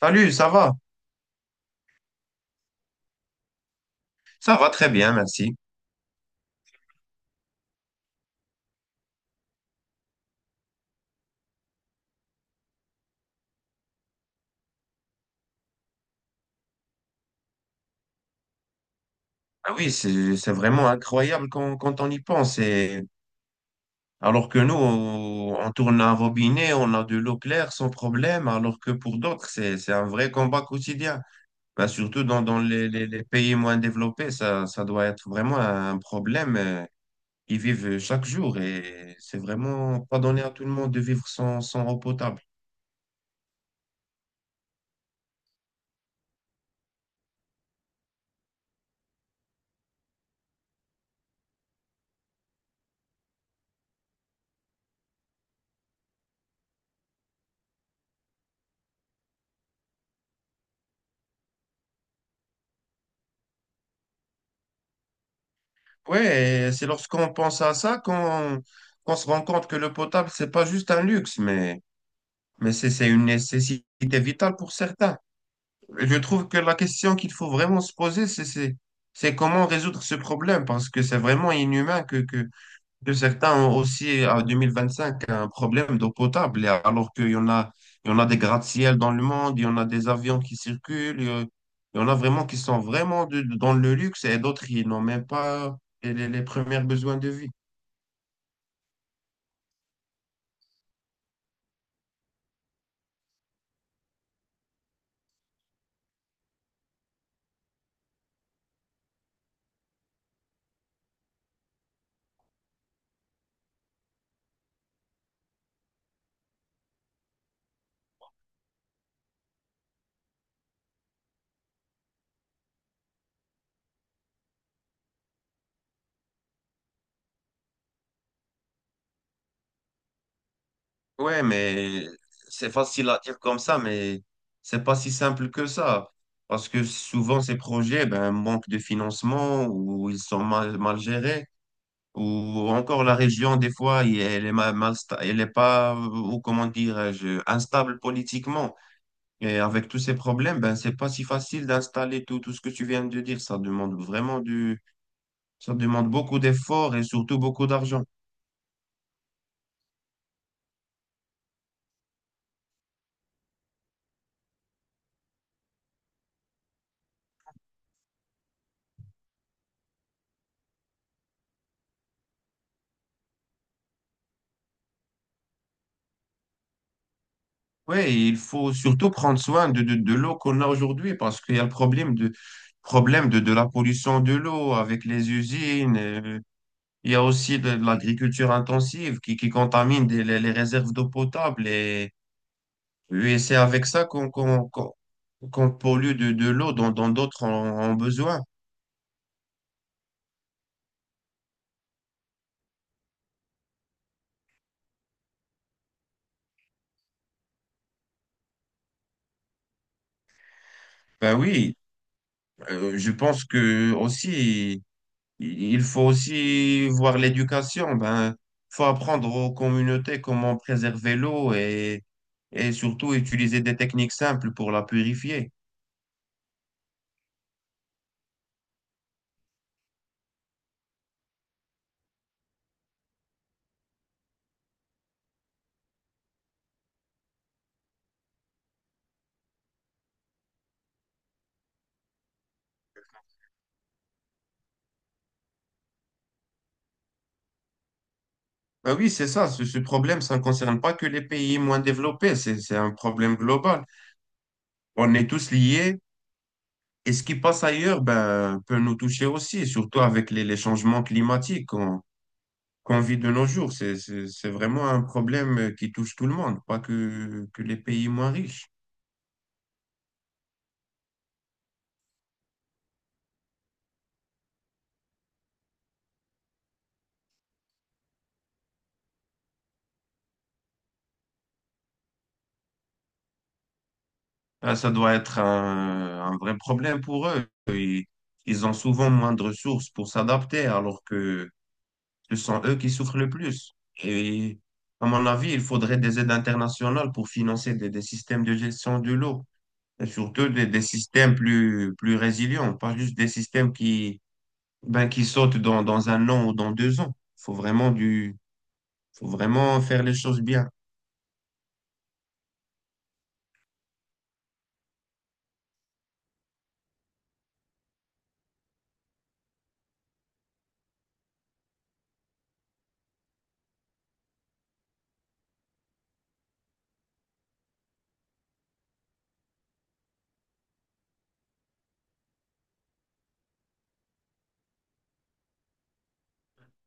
Salut, ça va? Ça va très bien, merci. Ah oui, c'est vraiment incroyable quand on y pense. Et alors que nous, on tourne un robinet, on a de l'eau claire sans problème, alors que pour d'autres, c'est un vrai combat quotidien. Ben, surtout dans les, les pays moins développés, ça doit être vraiment un problème qu'ils vivent chaque jour. Et c'est vraiment pas donné à tout le monde de vivre sans eau potable. Ouais, et c'est lorsqu'on pense à ça qu'on se rend compte que le potable, c'est pas juste un luxe, mais c'est une nécessité vitale pour certains. Je trouve que la question qu'il faut vraiment se poser, c'est comment résoudre ce problème, parce que c'est vraiment inhumain que certains ont aussi, en 2025, un problème d'eau potable, et alors qu'il y en a des gratte-ciel dans le monde, il y en a des avions qui circulent, il y en a vraiment qui sont vraiment dans le luxe, et d'autres, ils n'ont même pas les, les premiers besoins de vie. Ouais, mais c'est facile à dire comme ça, mais c'est pas si simple que ça. Parce que souvent, ces projets, ben, manquent de financement ou ils sont mal gérés. Ou encore, la région, des fois, elle est mal, elle est pas, ou comment dirais-je, instable politiquement. Et avec tous ces problèmes, ben, c'est pas si facile d'installer tout, tout ce que tu viens de dire. Ça demande beaucoup d'efforts et surtout beaucoup d'argent. Oui, il faut surtout prendre soin de l'eau qu'on a aujourd'hui parce qu'il y a le problème de la pollution de l'eau avec les usines. Il y a aussi de l'agriculture intensive qui contamine les réserves d'eau potable. Et c'est avec ça qu'on pollue de l'eau dont d'autres en ont besoin. Ben oui, je pense que aussi. Il faut aussi voir l'éducation. Ben, faut apprendre aux communautés comment préserver l'eau et surtout utiliser des techniques simples pour la purifier. Ben oui, c'est ça. Ce problème, ça ne concerne pas que les pays moins développés. C'est un problème global. On est tous liés. Et ce qui passe ailleurs ben, peut nous toucher aussi, surtout avec les changements climatiques qu'on vit de nos jours. C'est vraiment un problème qui touche tout le monde, pas que les pays moins riches. Ah, ça doit être un vrai problème pour eux. Ils ont souvent moins de ressources pour s'adapter, alors que ce sont eux qui souffrent le plus. Et à mon avis, il faudrait des aides internationales pour financer des systèmes de gestion de l'eau. Et surtout des systèmes plus résilients, pas juste des systèmes ben, qui sautent dans un an ou dans deux ans. Faut vraiment faire les choses bien.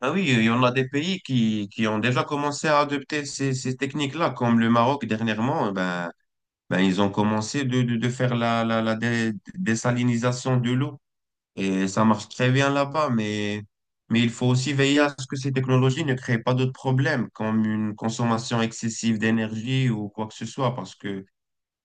Ah oui, il y en a des pays qui ont déjà commencé à adopter ces techniques-là, comme le Maroc dernièrement, ben, ils ont commencé de faire la désalinisation de l'eau. Et ça marche très bien là-bas, mais il faut aussi veiller à ce que ces technologies ne créent pas d'autres problèmes, comme une consommation excessive d'énergie ou quoi que ce soit, parce que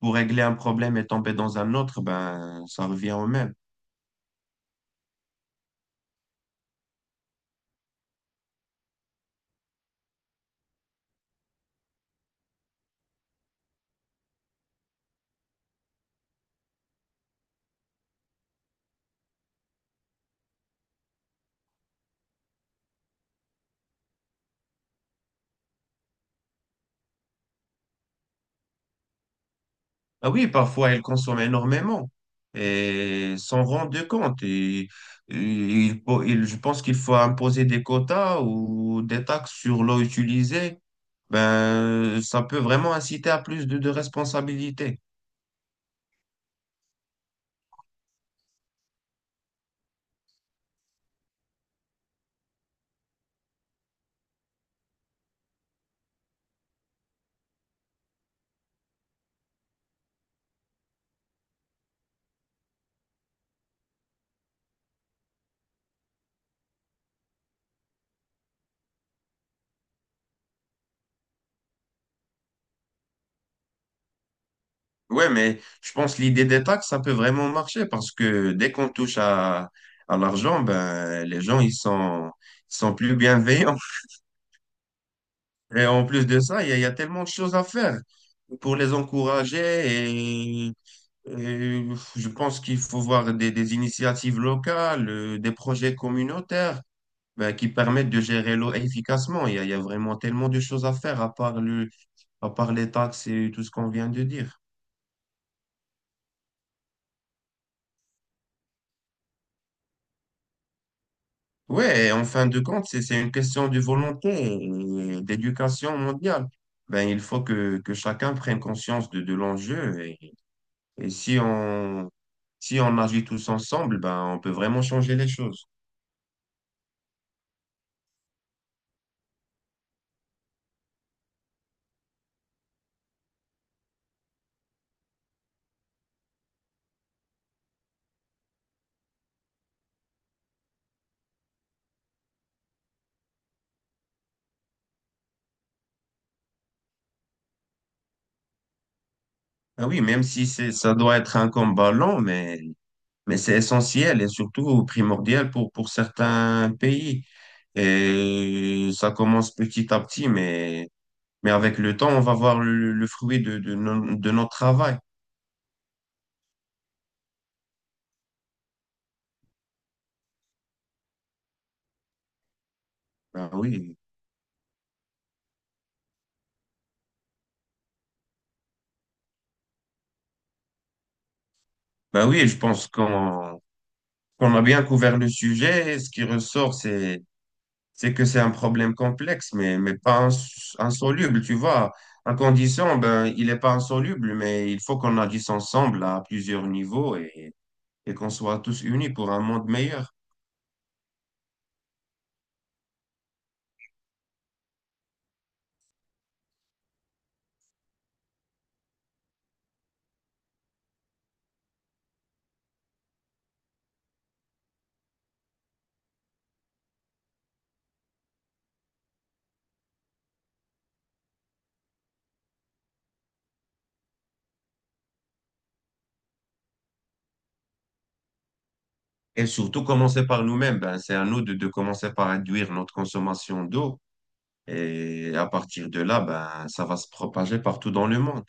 pour régler un problème et tomber dans un autre, ben, ça revient au même. Ah oui, parfois, elles consomment énormément et s'en rendent compte. Et je pense qu'il faut imposer des quotas ou des taxes sur l'eau utilisée. Ben, ça peut vraiment inciter à plus de responsabilités. Ouais, mais je pense que l'idée des taxes, ça peut vraiment marcher parce que dès qu'on touche à l'argent, ben, les gens, ils sont plus bienveillants. Et en plus de ça, il y a tellement de choses à faire pour les encourager. Et, et je pense qu'il faut voir des initiatives locales, des projets communautaires, ben, qui permettent de gérer l'eau efficacement. Il y a vraiment tellement de choses à faire à part les taxes et tout ce qu'on vient de dire. Ouais, en fin de compte, c'est une question de volonté et d'éducation mondiale. Ben, il faut que chacun prenne conscience de l'enjeu et si on agit tous ensemble, ben, on peut vraiment changer les choses. Ah oui, même si c'est, ça doit être un combat long, mais c'est essentiel et surtout primordial pour certains pays. Et ça commence petit à petit, mais avec le temps, on va voir le fruit de, no- de notre travail. Ben oui. Bah oui, je pense qu'on a bien couvert le sujet. Et ce qui ressort, c'est que c'est un problème complexe, mais pas insoluble, tu vois. En condition, ben il est pas insoluble, mais il faut qu'on agisse ensemble à plusieurs niveaux et qu'on soit tous unis pour un monde meilleur. Et surtout, commencer par nous-mêmes. Ben c'est à nous de commencer par réduire notre consommation d'eau. Et à partir de là, ben ça va se propager partout dans le monde.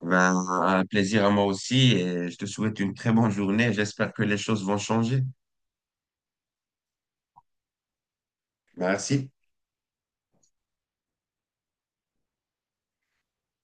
Ben, un plaisir à moi aussi et je te souhaite une très bonne journée. J'espère que les choses vont changer. Merci.